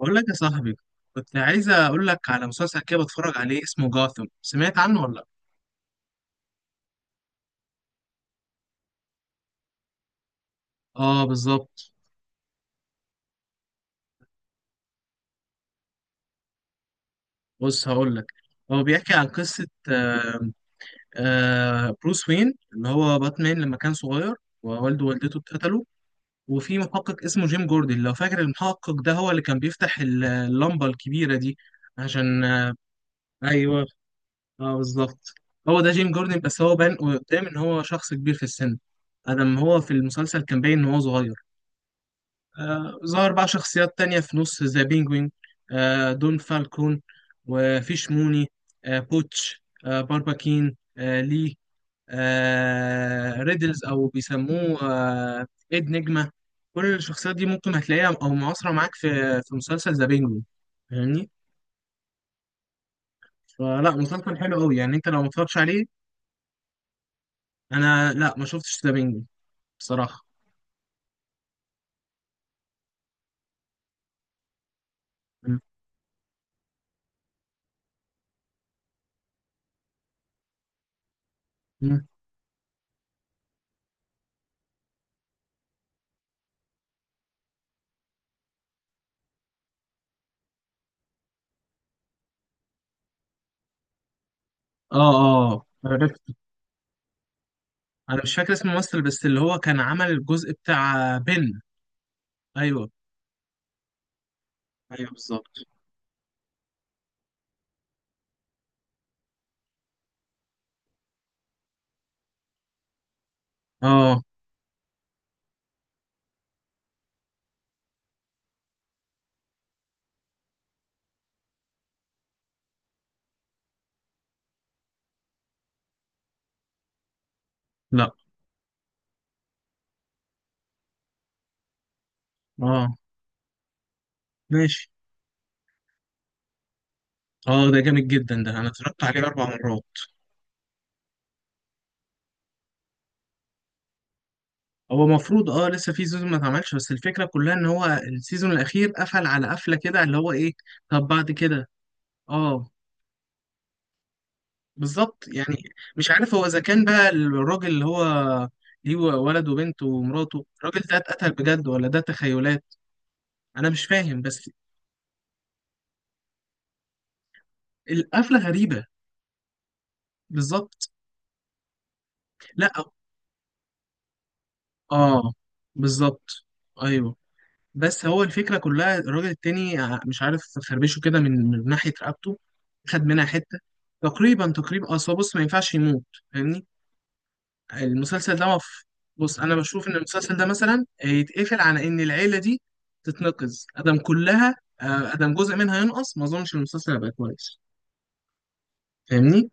بقول لك يا صاحبي، كنت عايز اقول لك على مسلسل كده بتفرج عليه اسمه جاثم، سمعت عنه ولا لا؟ اه، بالظبط. بص، هقول لك. هو بيحكي عن قصة بروس وين اللي هو باتمان لما كان صغير، ووالده ووالدته اتقتلوا. وفي محقق اسمه جيم جوردن، لو فاكر المحقق ده، هو اللي كان بيفتح اللمبة الكبيرة دي عشان ايوه، اه، بالظبط. هو ده جيم جوردن، بس هو بان قدام ان هو شخص كبير في السن. ادم هو في المسلسل كان باين ان هو صغير. ظهر بقى شخصيات تانية في نص ذا بينجوين. دون فالكون، وفيش موني، بوتش، بارباكين، لي، ريدلز أو بيسموه إيد نجمة. كل الشخصيات دي ممكن هتلاقيها أو معاصرة معاك في مسلسل ذا بينجوين. فاهمني؟ فلا مسلسل حلو أوي، يعني أنت لو ما اتفرجتش عليه. أنا، لا، ما شفتش ذا بينجوين بصراحة. م- م. آه. آه، عرفت. أنا مش فاكر اسم الممثل، بس اللي هو كان عمل الجزء بتاع بن. ايوه، ايوه، بالظبط. اه، لا، اه، ماشي. اه، ده جامد جدا، ده انا اتفرجت عليه 4 مرات. هو المفروض لسه في سيزون ما اتعملش، بس الفكره كلها ان هو السيزون الاخير قفل على قفله كده، اللي هو ايه. طب، بعد كده. اه، بالظبط يعني. مش عارف هو اذا كان بقى الراجل اللي هو ليه ولد وبنت ومراته، الراجل ده اتقتل بجد ولا ده تخيلات. انا مش فاهم بس. القفله غريبه. بالظبط. لا، اه، بالظبط. ايوه، بس هو الفكرة كلها، الراجل التاني مش عارف. خربشه كده من ناحية رقبته. خد منها حتة. تقريبا، تقريبا، أصل هو، بص، ما ينفعش يموت. فاهمني؟ المسلسل ده مف... بص، أنا بشوف إن المسلسل ده مثلا يتقفل على إن العيلة دي تتنقذ أدم كلها. أدم جزء منها ينقص، ما أظنش المسلسل هيبقى كويس. فاهمني؟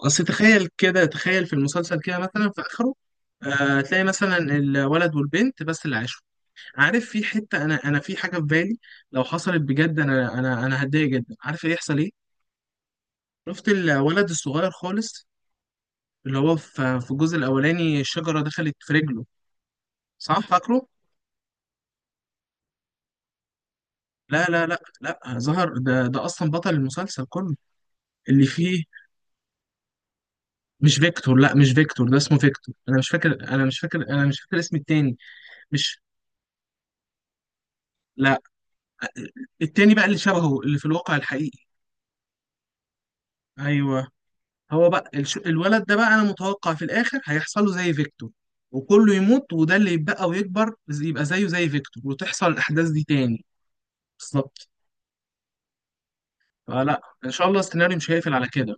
أصل، تخيل كده، تخيل في المسلسل كده مثلا في آخره. تلاقي مثلا الولد والبنت بس اللي عايشين. عارف، في حته انا في حاجه في بالي. لو حصلت بجد، انا هتضايق جدا. عارف ايه يحصل؟ ايه. شفت الولد الصغير خالص، اللي هو في الجزء الاولاني الشجره دخلت في رجله، صح؟ فاكره؟ لا، لا، لا، لا، ظهر. ده اصلا بطل المسلسل كله اللي فيه. مش فيكتور. لا، مش فيكتور، ده اسمه فيكتور. انا مش فاكر انا مش فاكر انا مش فاكر اسم التاني. مش، لا، التاني بقى اللي شبهه، اللي في الواقع الحقيقي. ايوه، هو بقى الولد ده بقى، انا متوقع في الاخر هيحصل له زي فيكتور، وكله يموت، وده اللي يتبقى ويكبر يبقى زيه زي فيكتور، وتحصل الاحداث دي تاني. بالظبط. فلا ان شاء الله السيناريو مش هيقفل على كده.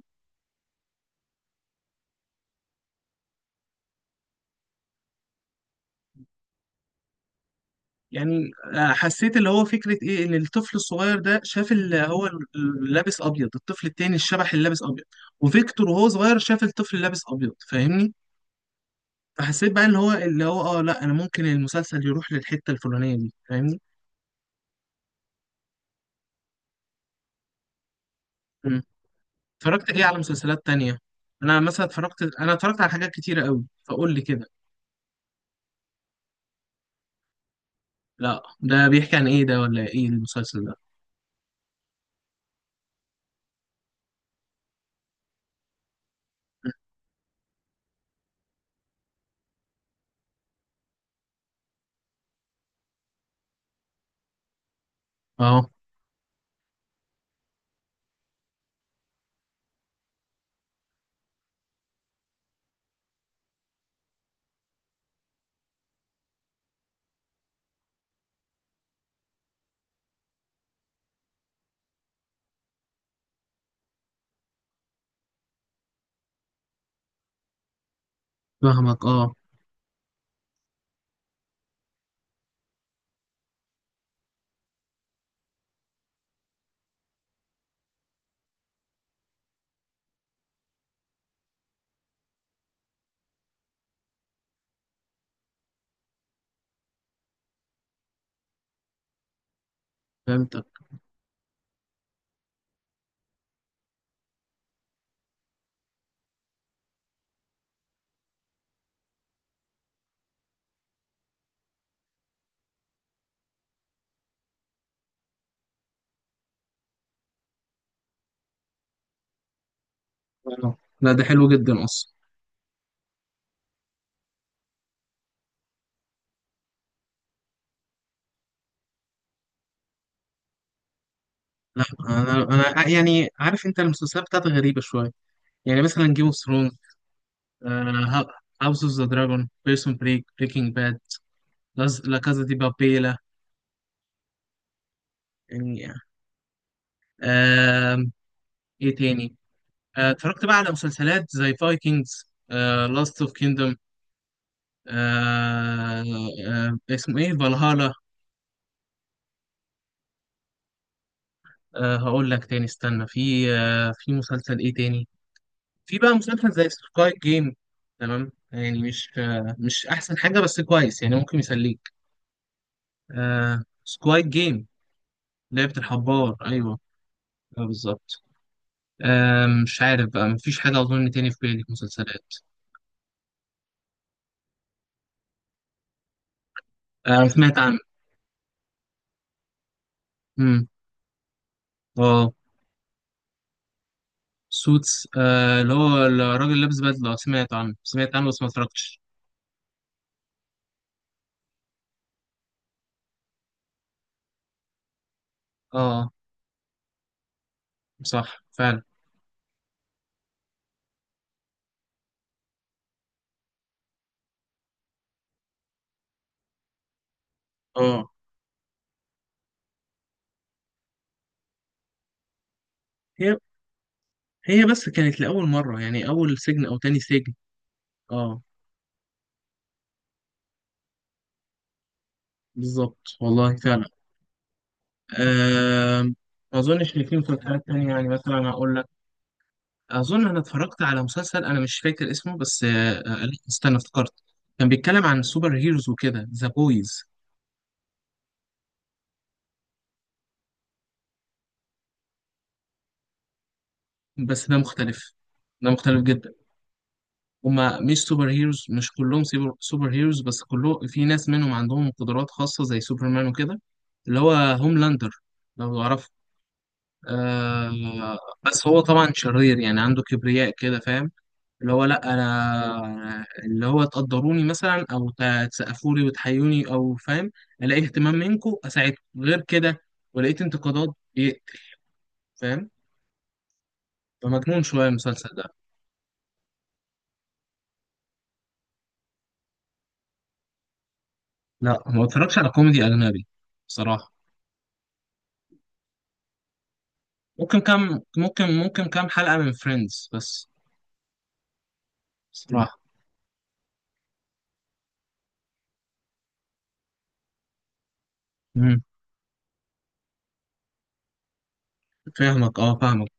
يعني حسيت اللي هو فكره ايه، ان الطفل الصغير ده شاف اللي هو لابس ابيض، الطفل التاني، الشبح اللي لابس ابيض. وفيكتور وهو صغير شاف الطفل اللي لابس ابيض. فاهمني؟ فحسيت بقى ان هو، اللي هو، لا انا ممكن المسلسل يروح للحته الفلانيه دي. فاهمني؟ اتفرجت ايه على مسلسلات تانية؟ انا مثلا اتفرجت على حاجات كتيرة قوي، فقول لي كده. لا، ده بيحكي عن ايه ده؟ ولا ايه المسلسل ده؟ اه، فاهمك. اه، فهمتك. اه، لا ده حلو جدا اصلا. لا، يعني عارف انت المسلسلات بتاعتي غريبة شوية. يعني مثلا جيم اوف ثرونز، هاوس اوف ذا دراجون، بيرسون بريك، بريكنج باد. لا، كازا دي بابيلا. يعني، آم، ايه تاني. اتفرجت بقى على مسلسلات زي فايكنجز، لاست اوف كيندم. آه اسمه ايه، فالهالا. هقول لك تاني، استنى، في مسلسل ايه تاني. في بقى مسلسل زي سكايب جيم. تمام، يعني مش احسن حاجة، بس كويس يعني، ممكن يسليك. آه، سكوايد جيم. لعبة الحبار، ايوه. آه، بالظبط. مش عارف بقى، مفيش حاجة اظن تاني في بالي في مسلسلات. آه، سمعت عنه. امم. اه، سوتس، اللي هو الراجل اللي لابس بدلة. سمعت عنه، سمعت عنه، بس ما اتفرجتش. اه، صح فعلا. اه، هي هي بس كانت لأول مرة، يعني أول سجن أو تاني سجن. اه، بالظبط، والله فعلا. آم، ما أظنش إن في مسلسلات تانية، يعني مثلا أقول لك. أظن أنا اتفرجت على مسلسل أنا مش فاكر اسمه بس لا، استنى، افتكرت. كان بيتكلم عن سوبر هيروز وكده، ذا بويز. بس ده مختلف، ده مختلف جدا. هما مش سوبر هيروز، مش كلهم سوبر هيروز، بس كله في ناس منهم عندهم قدرات خاصة زي سوبرمان وكده. اللي هو هوملاندر، لو تعرفه. آه، بس هو طبعا شرير، يعني عنده كبرياء كده، فاهم؟ اللي هو، لا انا، اللي هو تقدروني مثلا، او تسقفوا لي وتحيوني او، فاهم؟ الاقي اهتمام منكم اساعدكم، غير كده. ولقيت انتقادات، بيقتل، فاهم؟ فمجنون شويه المسلسل ده. لا، ما اتفرجش على كوميدي اجنبي بصراحه. ممكن كام حلقه من فريندز بس، بصراحه. امم. فاهمك، اه، فاهمك.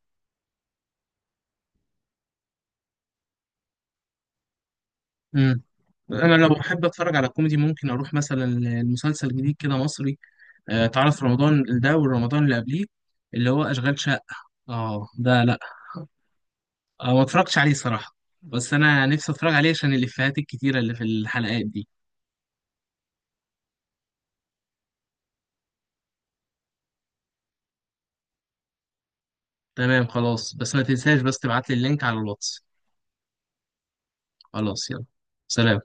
امم. انا لو بحب اتفرج على كوميدي، ممكن اروح مثلا لمسلسل جديد كده مصري. تعرف رمضان اللي ده والرمضان اللي قبليه، اللي هو اشغال شقه. اه، ده، لا. آه، ما اتفرجتش عليه صراحه. بس انا نفسي اتفرج عليه عشان الافيهات الكتيره اللي في الحلقات دي. تمام، خلاص، بس ما تنساش بس تبعت لي اللينك على الواتس. خلاص، يلا. سلام.